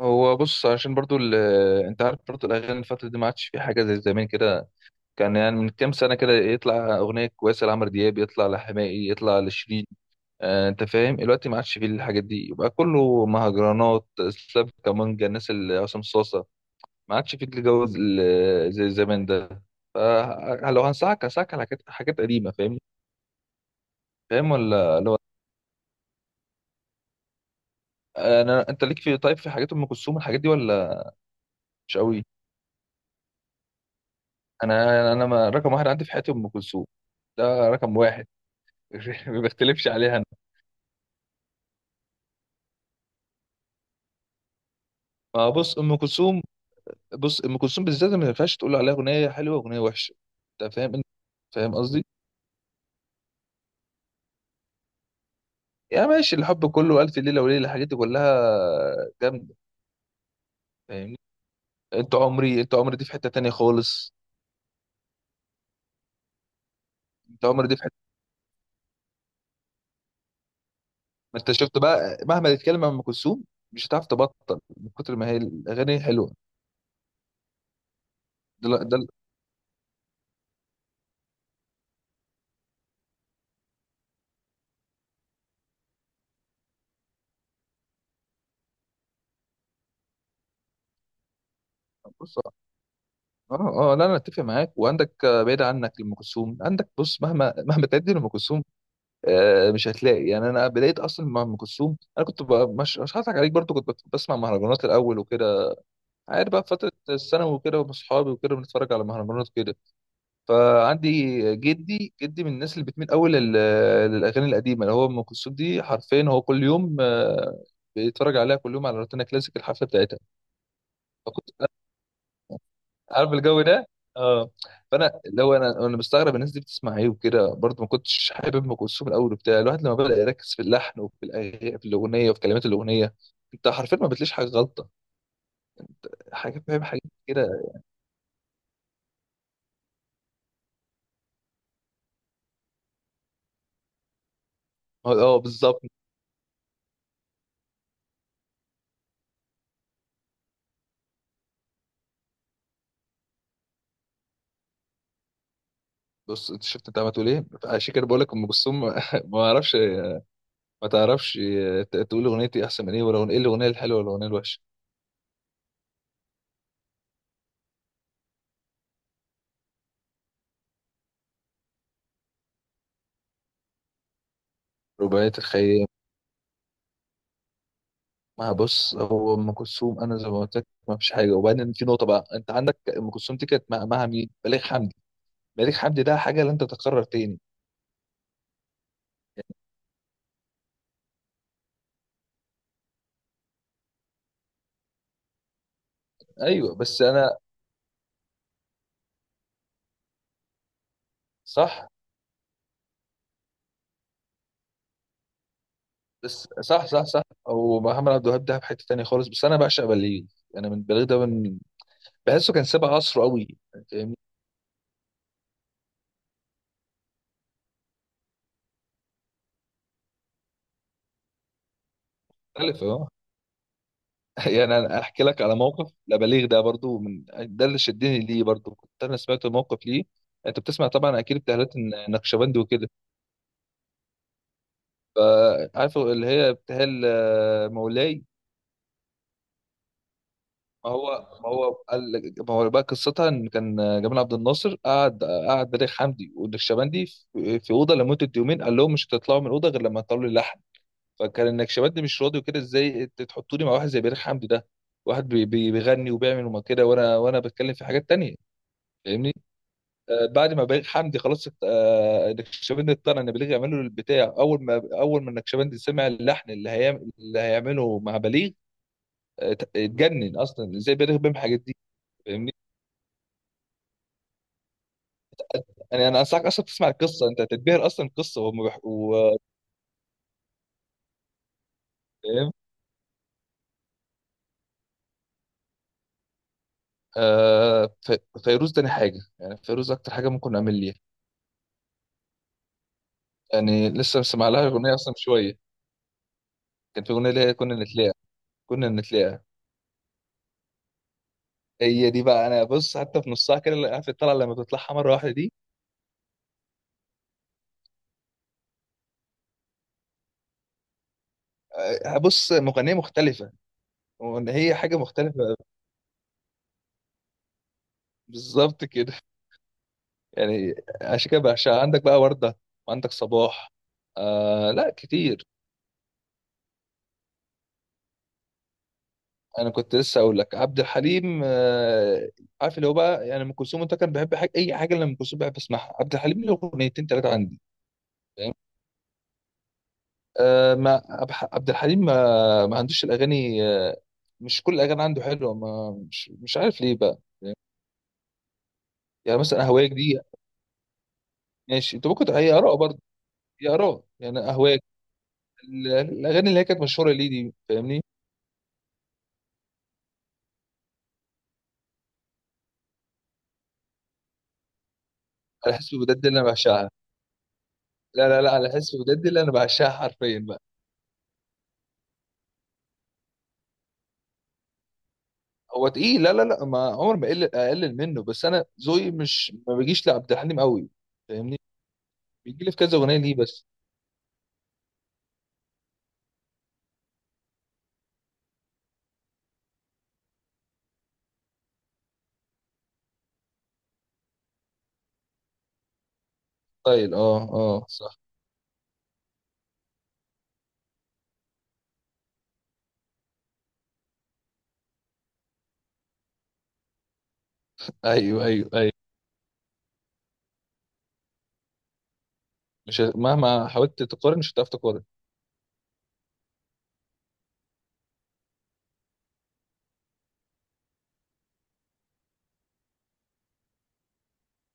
هو بص، عشان برضو ال... آه، انت عارف برضو الاغاني الفتره دي ما عادش في حاجه زي زمان كده. كان يعني من كام سنه كده يطلع اغنيه كويسه لعمرو دياب، يطلع لحماقي، يطلع لشيرين. انت فاهم، دلوقتي ما عادش فيه الحاجات دي، يبقى كله مهرجانات، سلاب، كمانجا، الناس اللي عصام صاصه. ما عادش فيه الجو زي زمان ده. فلو هنصحك على حاجات قديمه، فاهمني؟ فاهم، ولا لو انت ليك في، طيب، في حاجات ام كلثوم، الحاجات دي ولا مش قوي؟ انا ما رقم واحد عندي في حياتي ام كلثوم. ده رقم واحد. ما بختلفش عليها انا. ما بص، ام كلثوم، بص ام كلثوم بالذات ما ينفعش تقول عليها اغنيه حلوه واغنيه وحشه. انت فاهم قصدي؟ يا ماشي، الحب كله، الف ليله وليله، الحاجات دي كلها جامده، فاهمني؟ انت عمري، انت عمري دي في حته تانية خالص. انت عمري دي في حته. ما انت شفت بقى، مهما تتكلم عن ام كلثوم مش هتعرف تبطل، من كتر ما هي الاغاني حلوه. ده ده بص. اه اه، لا انا اتفق معاك وعندك، بعيد عنك لام كلثوم، عندك بص، مهما مهما تعدي لام كلثوم، مش هتلاقي، يعني انا بدايه اصلا مع ام كلثوم، انا كنت بقى مش هضحك عليك برضو، كنت بسمع مهرجانات الاول وكده. عارف بقى فتره الثانوي وكده، واصحابي وكده، بنتفرج على مهرجانات كده. فعندي، جدي من الناس اللي بتميل قوي للاغاني القديمه، اللي هو ام كلثوم دي حرفيا هو كل يوم بيتفرج عليها كل يوم على روتانا كلاسيك الحفله بتاعتها. فكنت عارف الجو ده، اه. فانا اللي هو، انا مستغرب الناس دي بتسمع ايه وكده، برضه ما كنتش حابب ام كلثوم الاول، وبتاع الواحد لما بدا يركز في اللحن وفي في الاغنيه وفي كلمات الاغنيه، انت حرفيا ما بتلاقيش حاجه غلطه. حاجه، فاهم، حاجات كده، اه، بالظبط. بص، انت شفت، انت عمال تقول ايه، عشان كده بقول لك ام كلثوم. ما اعرفش. ما تعرفش تقول اغنيتي احسن من ايه، ولا ايه الاغنيه الحلوه ولا الاغنيه الوحشه. رباعيه الخيال. ما بص، هو ام كلثوم انا زي ما قلت لك ما فيش حاجه. وبعدين في نقطه بقى، انت عندك ام كلثوم دي كانت مع، مين؟ بليغ حمدي. بليغ حمدي ده حاجه لن تتكرر تاني. ايوه، بس انا، صح، بس صح صح صح. او محمد عبد الوهاب ده في حته تانيه خالص، بس انا بعشق بليغ. انا من بليغ ده، من بحسه كان سابق عصره قوي، فاهمني؟ مختلف، اه. يعني انا احكي لك على موقف لبليغ ده برضو، من ده اللي شدني ليه برضو، كنت انا سمعت موقف ليه. انت بتسمع طبعا اكيد بتهلات النقشبندي وكده. فعارف اللي هي ابتهال مولاي. ما هو ما هو قال، ما هو بقى قصتها، ان كان جمال عبد الناصر قعد، بليغ حمدي والنكشبندي في اوضه لمده يومين، قال لهم مش هتطلعوا من الاوضه غير لما تطلعوا لي لحن. فكان النكشبندي مش راضي وكده، ازاي انت تحطوني مع واحد زي بليغ حمدي ده، واحد بيغني وبيعمل وما كده، وانا بتكلم في حاجات تانية، فاهمني؟ بعد ما بليغ حمدي خلاص النكشبندي اقتنع ان بليغ يعمل له البتاع. اول ما النكشبندي سمع اللحن اللي هيعمله مع بليغ، اتجنن اصلا، ازاي بيلغي بيهم الحاجات دي؟ فاهمني؟ يعني انا انصحك اصلا تسمع القصه، انت هتتبهر اصلا القصه وهم بيحكوا. فاهم؟ فيروز تاني حاجه، يعني فيروز اكتر حاجه ممكن اعمل ليها. يعني لسه مسمع لها اغنيه اصلا من شويه، كان في اغنيه اللي هي كنا نتلاقى. كنا نتلاقى. هي دي بقى، انا بص، حتى في نصها كده اللي، عارف الطلعه لما بتطلعها مره واحده دي، بص، مغنيه مختلفه. وان هي حاجه مختلفه. بالظبط كده، يعني عشان كده بعشقها. عندك بقى ورده، وعندك صباح، آه لا كتير. انا كنت لسه اقول لك عبد الحليم. عارف اللي هو بقى، يعني ام كلثوم انت كان بحب حاجه، اي حاجه اللي ام كلثوم بحب اسمعها، عبد الحليم له اغنيتين ثلاثه عندي. فاهم؟ آه، ما أبح- عبد الحليم ما عندوش الاغاني. مش كل الاغاني عنده حلوه، ما مش عارف ليه بقى. يعني مثلا اهواك دي، ماشي انت ممكن، هي اراء برضه. هي اراء، يعني اهواك، الاغاني اللي هي كانت مشهوره ليه دي، فاهمني؟ على حسب وداد اللي انا بعشقها. لا لا لا، على حسب وداد اللي انا بعشقها حرفيا. هو تقيل؟ لا لا لا، ما عمر ما اقلل منه، بس انا ذوقي مش، ما بيجيش لعبد الحليم قوي، فاهمني؟ بيجي لي في كذا اغنيه ليه بس. ستايل، اه اه، صح. ايوه ايوه ايوه. مش مهما حاولت تقارن مش هتعرف تقارن.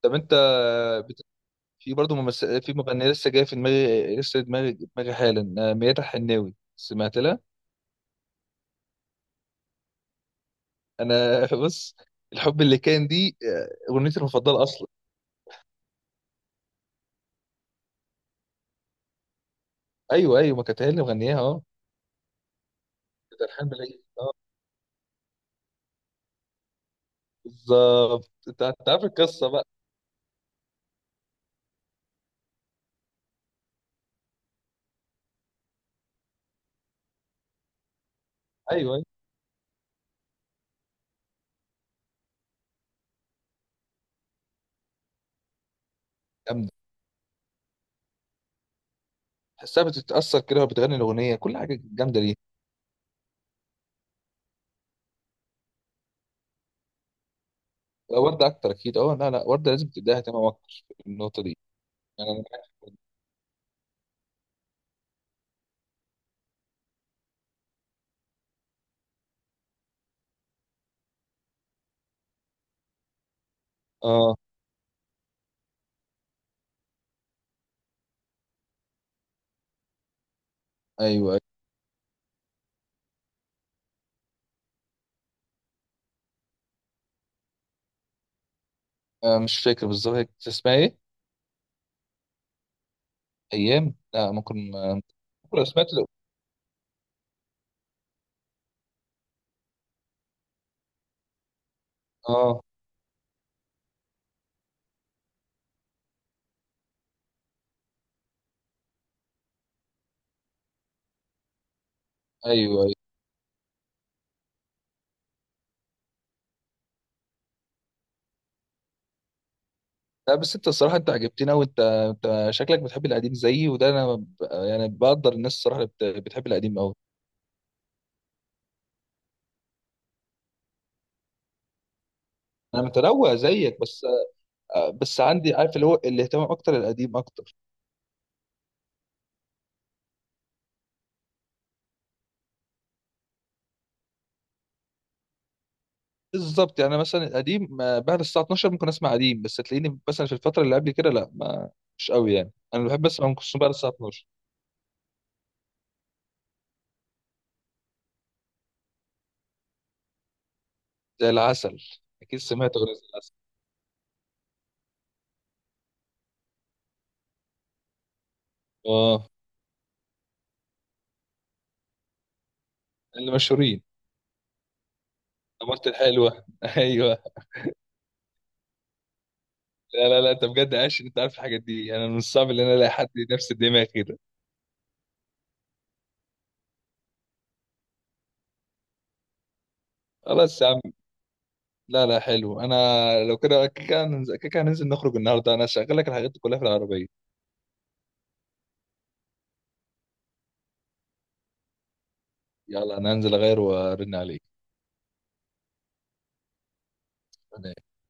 طب انت بت... في برضه في مغنيه لسه جايه في دماغي، لسه دماغي حالا، ميادة الحناوي سمعت لها؟ انا بص. الحب اللي كان دي اغنيتي المفضله اصلا. ايوه ايوه، ما كانت هي اللي مغنياها، اه. كانت الحان بالعيد، اه. بالظبط، انت عارف القصه بقى. ايوه جامده. تحسها بتتاثر كده وهي بتغني الاغنيه، كل حاجه جامده ليها. لا، ورده اكتر اكيد، اه، لا لا، ورده لازم تديها اهتمام اكتر في النقطه دي. يعني أنا، اه ايوه أيوة. مش فاكر بالظبط هي كانت اسمها ايه. ايام، لا ممكن، ممكن لو سمعت له. اه، ايوه ايوه. لا بس انت الصراحه انت عجبتني قوي، انت شكلك بتحب القديم زيي، وده انا يعني بقدر الناس الصراحه اللي بتحب القديم قوي. انا متنوع زيك بس، بس عندي، عارف اللي هو الاهتمام اكتر، القديم اكتر. بالظبط، يعني أنا مثلا القديم بعد الساعه 12 ممكن اسمع قديم، بس تلاقيني مثلا في الفتره اللي قبل كده لا ما، مش قوي. يعني انا بحب اسمع ام كلثوم بعد الساعه 12. زي العسل، اكيد سمعت اغنيه زي العسل، اه. اللي مشهورين. مرت الحلوه، ايوه. لا لا لا، انت بجد عايش، انت عارف الحاجات دي، انا من الصعب ان انا الاقي حد نفس الدماغ كده. خلاص يا عم، لا لا، حلو انا. لو كده، كده هننزل نخرج النهارده، انا هشغل لك الحاجات دي كلها في العربيه. يلا انا هنزل اغير وارن عليك.